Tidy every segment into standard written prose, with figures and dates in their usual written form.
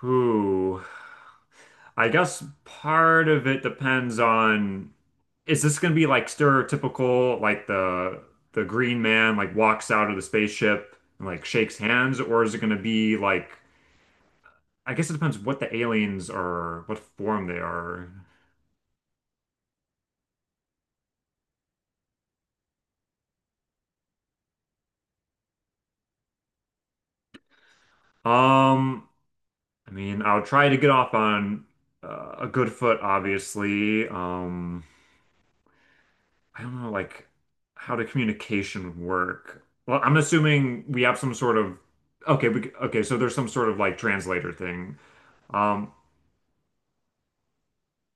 Whew. I guess part of it depends on is this going to be like stereotypical like the green man like walks out of the spaceship and like shakes hands, or is it going to be like I guess it depends what the aliens are, what form they are. Um, I mean, I'll try to get off on a good foot obviously. I don't know, like how the communication work. Well, I'm assuming we have some sort of okay, we, okay, so there's some sort of like translator thing. Um,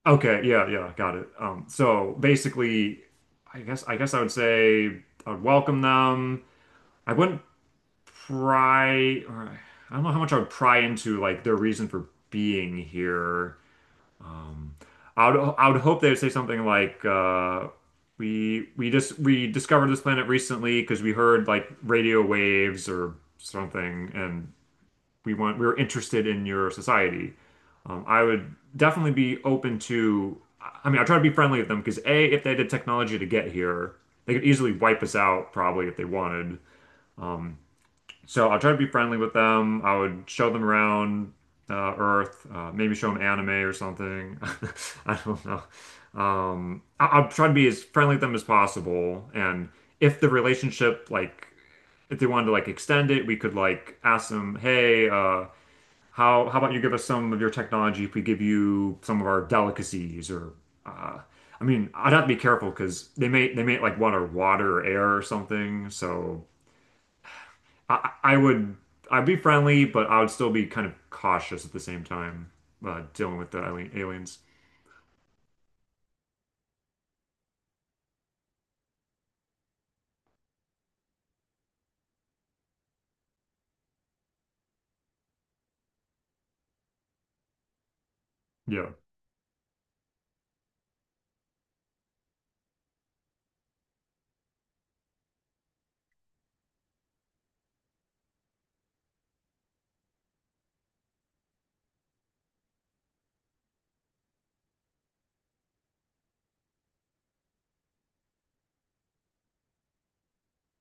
okay, yeah, yeah, got it. So basically, I guess I would say I would welcome them. I wouldn't pry, or I don't know how much I would pry into like their reason for being here. Um, I would hope they would say something like we discovered this planet recently because we heard like radio waves or something, and we were interested in your society. I would definitely be open to. I mean, I try to be friendly with them because A, if they had the technology to get here, they could easily wipe us out probably if they wanted. So I'll try to be friendly with them. I would show them around Earth, maybe show them anime or something. I don't know. I'll try to be as friendly with them as possible. And if the relationship, like, if they wanted to like extend it, we could like ask them, hey, how about you give us some of your technology if we give you some of our delicacies or uh, I mean, I'd have to be careful because they may like want our water or air or something. So I, I would I'd be friendly, but I would still be kind of cautious at the same time, dealing with the aliens. Yeah.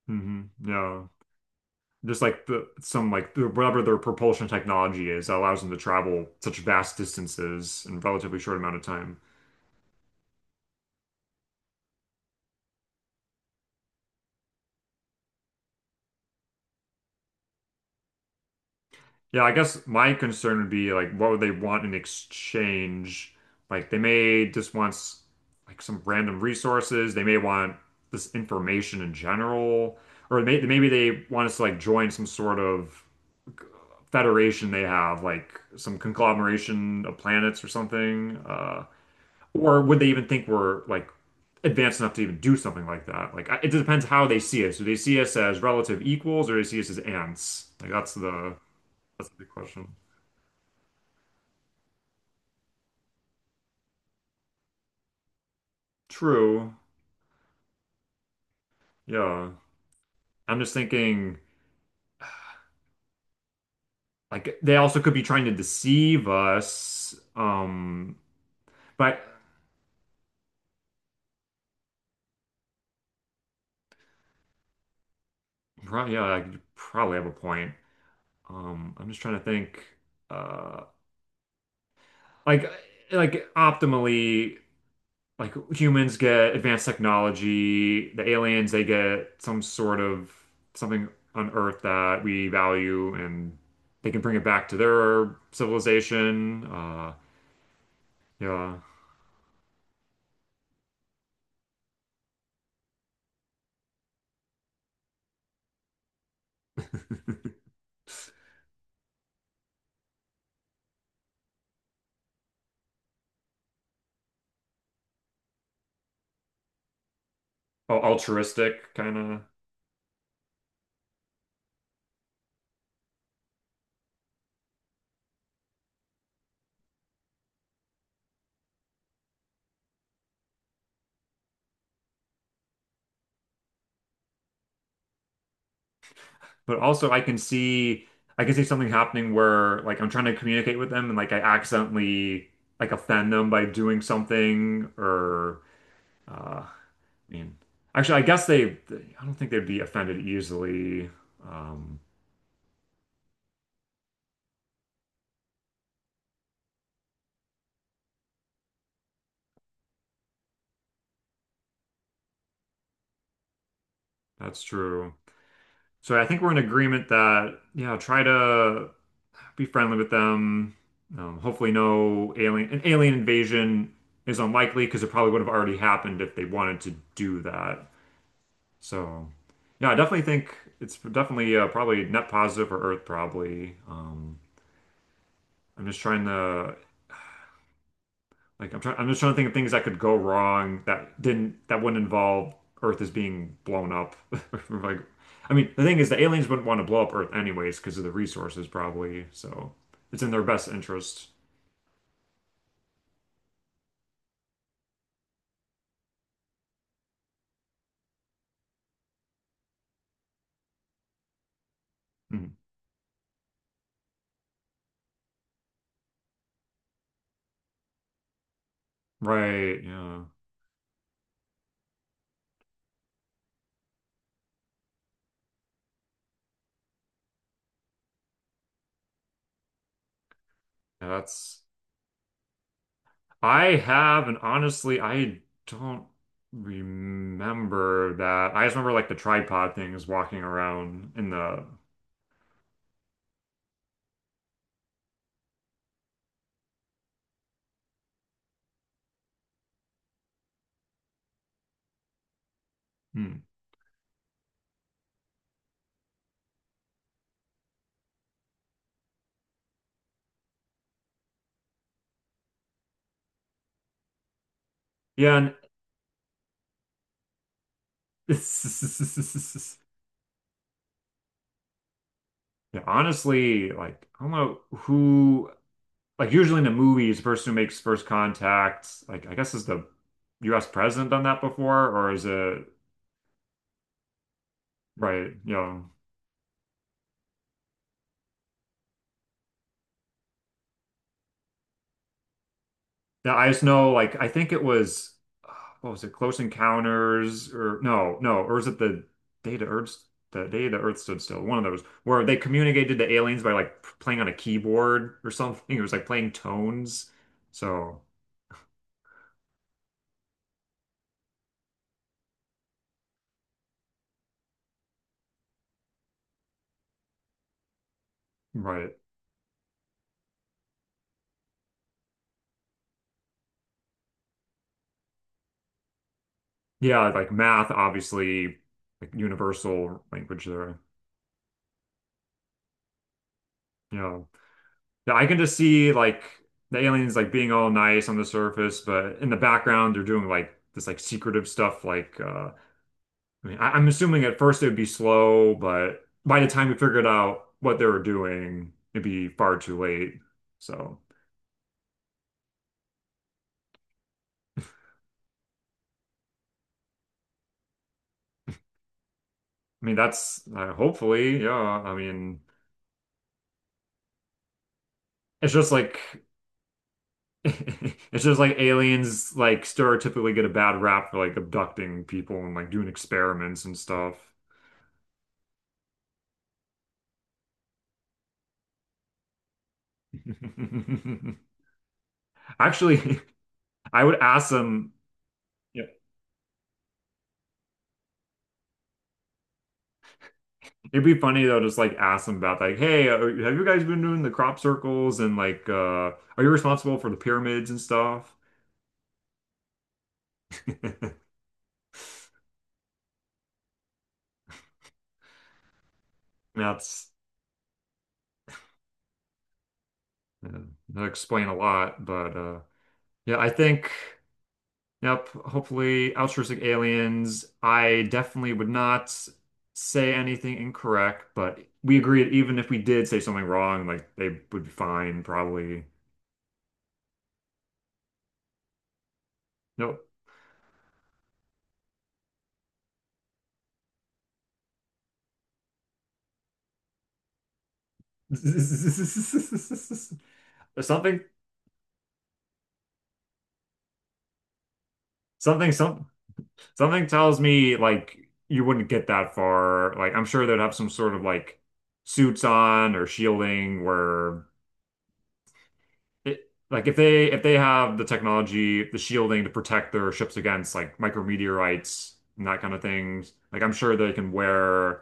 Yeah. Just like the some like the, whatever their propulsion technology is that allows them to travel such vast distances in a relatively short amount of time. Yeah, I guess my concern would be like what would they want in exchange? Like they may just want like some random resources. They may want this information in general, or maybe they want us to like join some sort of federation they have, like some conglomeration of planets or something? Or would they even think we're like advanced enough to even do something like that? Like, it depends how they see us. Do they see us as relative equals or do they see us as ants? Like, that's the big question. True. Yeah. I'm just thinking like they also could be trying to deceive us. But yeah, I could probably have a point. I'm just trying to think. Uh, like like optimally like humans get advanced technology, the aliens they get some sort of something on Earth that we value, and they can bring it back to their civilization. Yeah altruistic kind of, but also I can see something happening where like I'm trying to communicate with them and like I accidentally like offend them by doing something or uh I mean, actually, I don't think they'd be offended easily. Um, that's true. So I think we're in agreement that, yeah, try to be friendly with them. Hopefully, no an alien invasion is unlikely because it probably would have already happened if they wanted to do that. So, yeah, I definitely think it's definitely probably net positive for Earth, probably. I'm just trying to like I'm just trying to think of things that could go wrong that didn't that wouldn't involve Earth is being blown up. Like, I mean, the thing is, the aliens wouldn't want to blow up Earth anyways because of the resources probably. So it's in their best interest. Mhm. Right? Yeah. Yeah. That's. I have, and honestly, I don't remember that. I just remember like the tripod things walking around in the. Hmm. Yeah. And yeah, honestly, like I don't know who like usually in the movies, the person who makes first contact, like I guess is the US president done that before, or is it right, you know. Yeah, I just know like I think it was uh, what was it, Close Encounters or no, or is it the Day the Earth the Day the Earth Stood Still, one of those where they communicated to aliens by like playing on a keyboard or something. It was like playing tones. So, right. Yeah, like math, obviously, like universal language there. Yeah. Yeah, I can just see like the aliens like being all nice on the surface, but in the background they're doing like this like secretive stuff. Like I mean I'm assuming at first it would be slow, but by the time we figured out what they were doing, it'd be far too late. So I mean that's hopefully, yeah. I mean it's just like it's just like aliens like stereotypically get a bad rap for like abducting people and like doing experiments and stuff. Actually, I would ask them. Yeah. It'd be funny though, just like ask them about like, hey, have you guys been doing the crop circles and like, are you responsible for the pyramids and stuff? That's uh, that explain a lot, but yeah, I think. Yep. Hopefully, altruistic aliens. I definitely would not say anything incorrect, but we agree that even if we did say something wrong, like they would be fine, probably. Nope. Something, something, some, Something tells me like you wouldn't get that far. Like I'm sure they'd have some sort of like suits on or shielding where it like if they have the technology, the shielding to protect their ships against like micrometeorites and that kind of things, like I'm sure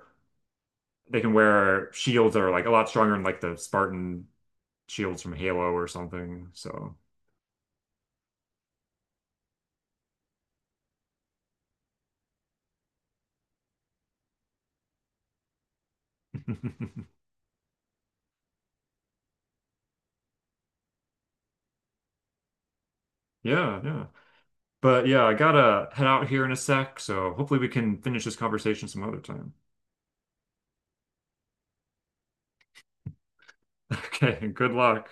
they can wear shields that are like a lot stronger than like the Spartan shields from Halo or something. So yeah, yeah. But yeah, I gotta head out here in a sec, so hopefully we can finish this conversation some other time. Okay, good luck.